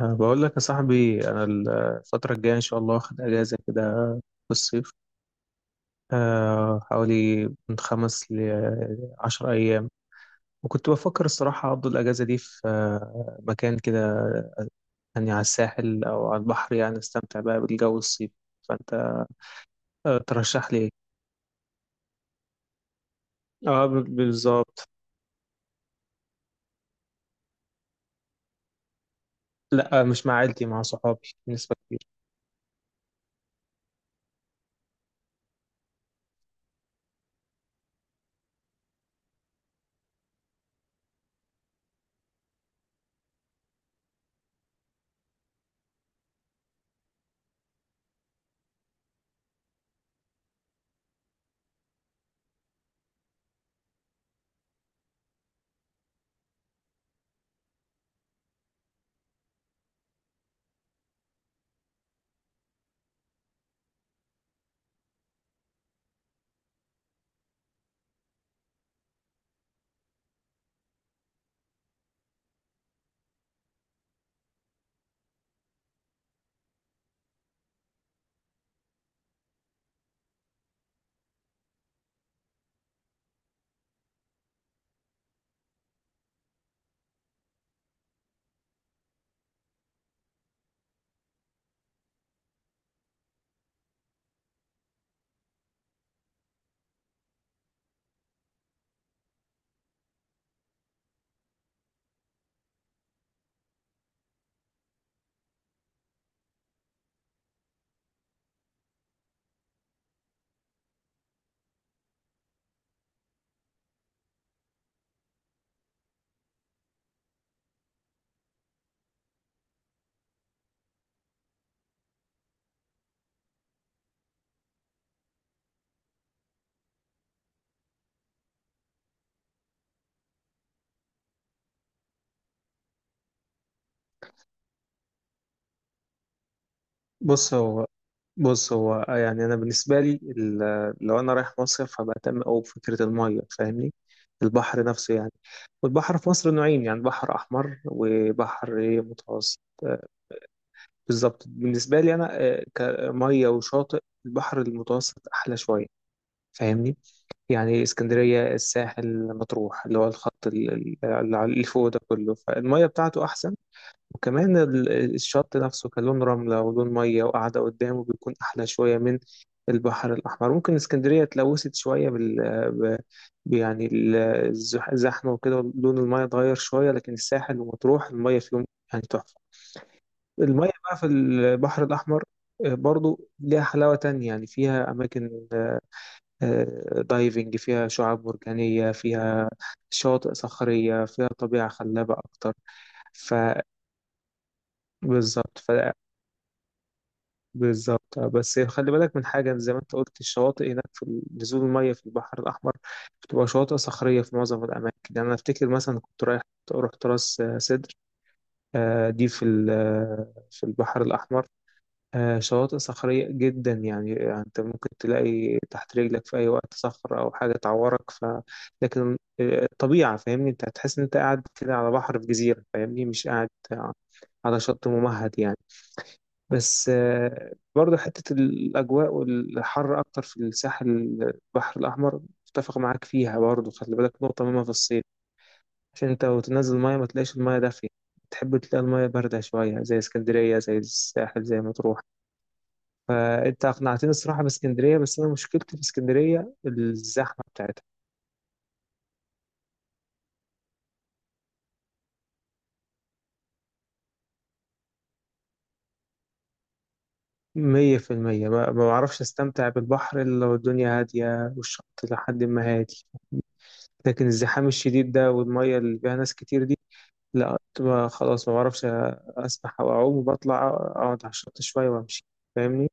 بقول لك يا صاحبي، أنا الفترة الجاية إن شاء الله واخد أجازة كده في الصيف. حوالي من 5 ل10 أيام. وكنت بفكر الصراحة أقضي الأجازة دي في مكان كده، يعني على الساحل أو على البحر، يعني أستمتع بقى بالجو الصيفي. فأنت ترشح لي إيه؟ آه، بالظبط. لأ، مش مع عيلتي، مع صحابي نسبة كبيرة. بص هو بص هو يعني انا بالنسبه لي لو انا رايح مصيف فبهتم قوي بفكره الميه، فاهمني؟ البحر نفسه يعني. والبحر في مصر نوعين، يعني بحر احمر وبحر إيه متوسط. بالظبط، بالنسبه لي انا كميه وشاطئ، البحر المتوسط احلى شويه. فاهمني؟ يعني اسكندريه، الساحل، مطروح، اللي هو الخط اللي فوق ده كله، فالميه بتاعته احسن. وكمان الشط نفسه، كان لون رملة ولون مية وقاعدة قدامه، بيكون أحلى شوية من البحر الأحمر. ممكن اسكندرية اتلوثت شوية ب... يعني الزحمة وكده، لون المية اتغير شوية، لكن الساحل ومطروح المية فيهم يعني تحفة. المية بقى في البحر الأحمر برضو ليها حلاوة تانية، يعني فيها أماكن دايفنج، فيها شعاب مرجانية، فيها شواطئ صخرية، فيها طبيعة خلابة أكتر. فبالظبط. بالظبط، بس خلي بالك من حاجة. زي ما انت قلت، الشواطئ هناك في نزول المية في البحر الأحمر بتبقى شواطئ صخرية في معظم الأماكن. يعني أنا أفتكر مثلا كنت رايح رحت راس سدر. دي في في البحر الأحمر. شواطئ صخرية جدا، يعني أنت ممكن تلاقي تحت رجلك في أي وقت صخر أو حاجة تعورك. لكن الطبيعة، فاهمني؟ أنت هتحس إن أنت قاعد كده على بحر في جزيرة، فاهمني؟ مش قاعد على شط ممهد يعني. بس برضه حتة الأجواء والحر أكتر في الساحل، البحر الأحمر. متفق معاك فيها. برضه خلي بالك نقطة مهمة في الصيف، عشان أنت وتنزل المية ما تلاقيش المية دافية، تحب تلاقي المية باردة شوية زي اسكندرية، زي الساحل، زي مطروح. فأنت أقنعتني الصراحة باسكندرية، بس أنا مشكلتي في اسكندرية الزحمة بتاعتها. 100%، ما بعرفش أستمتع بالبحر إلا لو الدنيا هادية والشط لحد ما هادي. لكن الزحام الشديد ده والمية اللي فيها ناس كتير، لا، كنت بقى خلاص ما بعرفش أسبح أو أعوم، وبطلع أقعد على الشط شوية وأمشي، فاهمني؟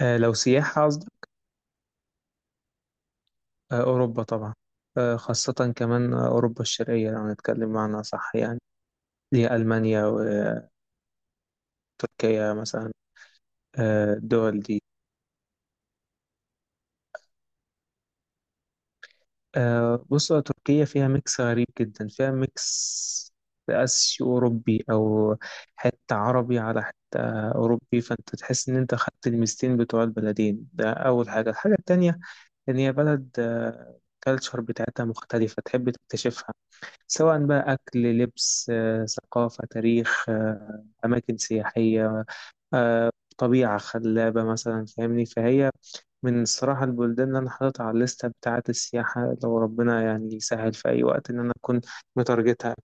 آه، لو سياحة قصدك. آه، أوروبا طبعا. آه، خاصة كمان أوروبا الشرقية، لو هنتكلم معنى صح يعني، اللي هي ألمانيا وتركيا مثلا. آه، الدول دي. آه، بص، تركيا فيها ميكس غريب جدا، فيها ميكس آسيوي أوروبي، أو حتة عربي على حتة أوروبي. فأنت تحس إن أنت خدت الميزتين بتوع البلدين ده، أول حاجة. الحاجة التانية، لأن هي بلد الكالتشر بتاعتها مختلفة، تحب تكتشفها، سواء بقى أكل، لبس، ثقافة، تاريخ، أماكن سياحية، آه، طبيعة خلابة مثلا، فاهمني؟ فهي من الصراحة البلدان اللي أنا حاططها على الليستة بتاعة السياحة، لو ربنا يعني يسهل في أي وقت إن أنا أكون متارجتها.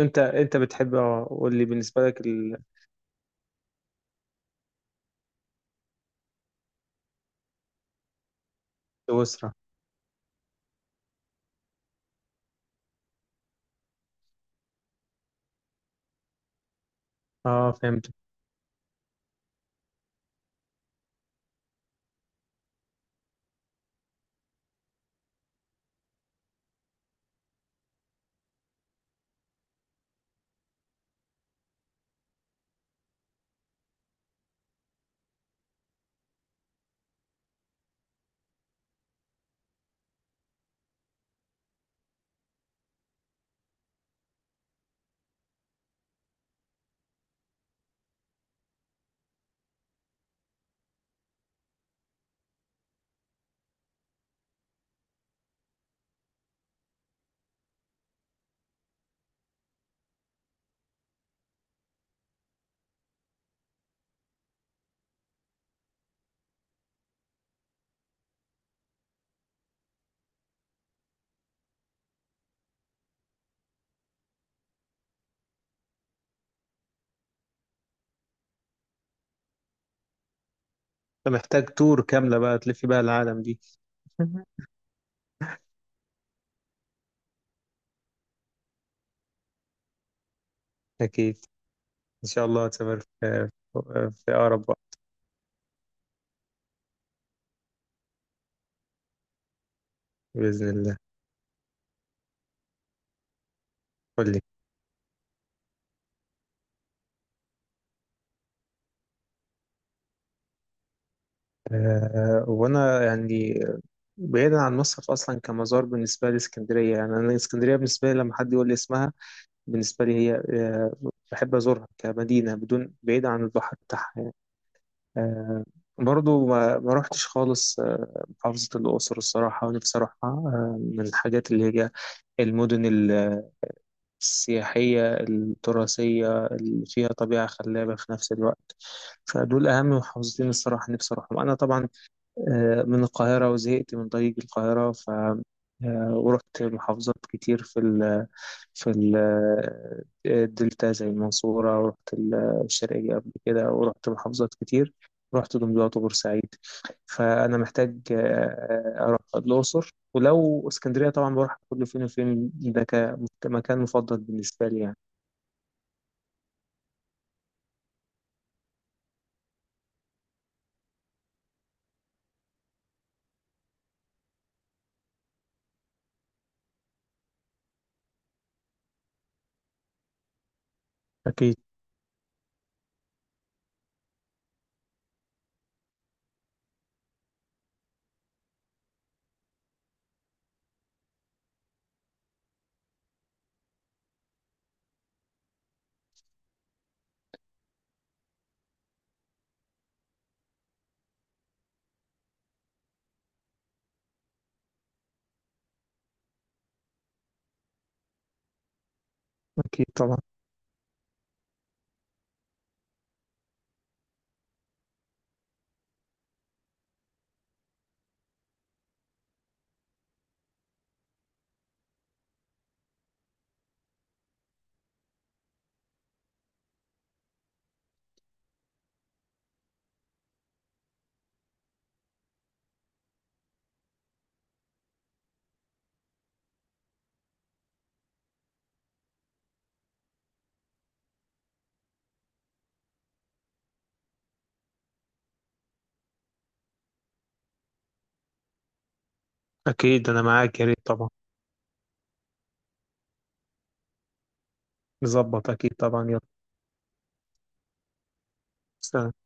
أنت بتحب، قول لي بالنسبة لك سويسرا. أه، فهمت. أنت محتاج تور كاملة بقى، تلف بقى العالم دي. أكيد. إن شاء الله هتسافر في، في أقرب وقت، بإذن الله. قول لي. وأنا يعني، بعيدا عن مصر أصلا، كمزار بالنسبة لي اسكندرية. يعني أنا اسكندرية بالنسبة لي لما حد يقول لي اسمها، بالنسبة لي هي، بحب أزورها كمدينة، بدون، بعيدا عن البحر بتاعها يعني. آه، برضو ما روحتش خالص، محافظة الأقصر الصراحة، ونفسي أروحها، من الحاجات اللي هي المدن السياحية التراثية اللي فيها طبيعة خلابة في نفس الوقت. فدول أهم محافظتين الصراحة نفسي أروحهم، أنا طبعا من القاهرة وزهقت من طريق القاهرة، ف ورحت محافظات كتير في الدلتا زي المنصورة، ورحت الشرقية قبل كده، ورحت محافظات كتير، رحت دمياط وبورسعيد. فأنا محتاج أروح الأقصر، ولو اسكندرية طبعا بروح كل فين وفين ده كمكان مفضل بالنسبة لي يعني. أكيد. أكيد طبعا. أكيد أنا معاك، يا ريت طبعا. نظبط، أكيد طبعا، يلا. سلام.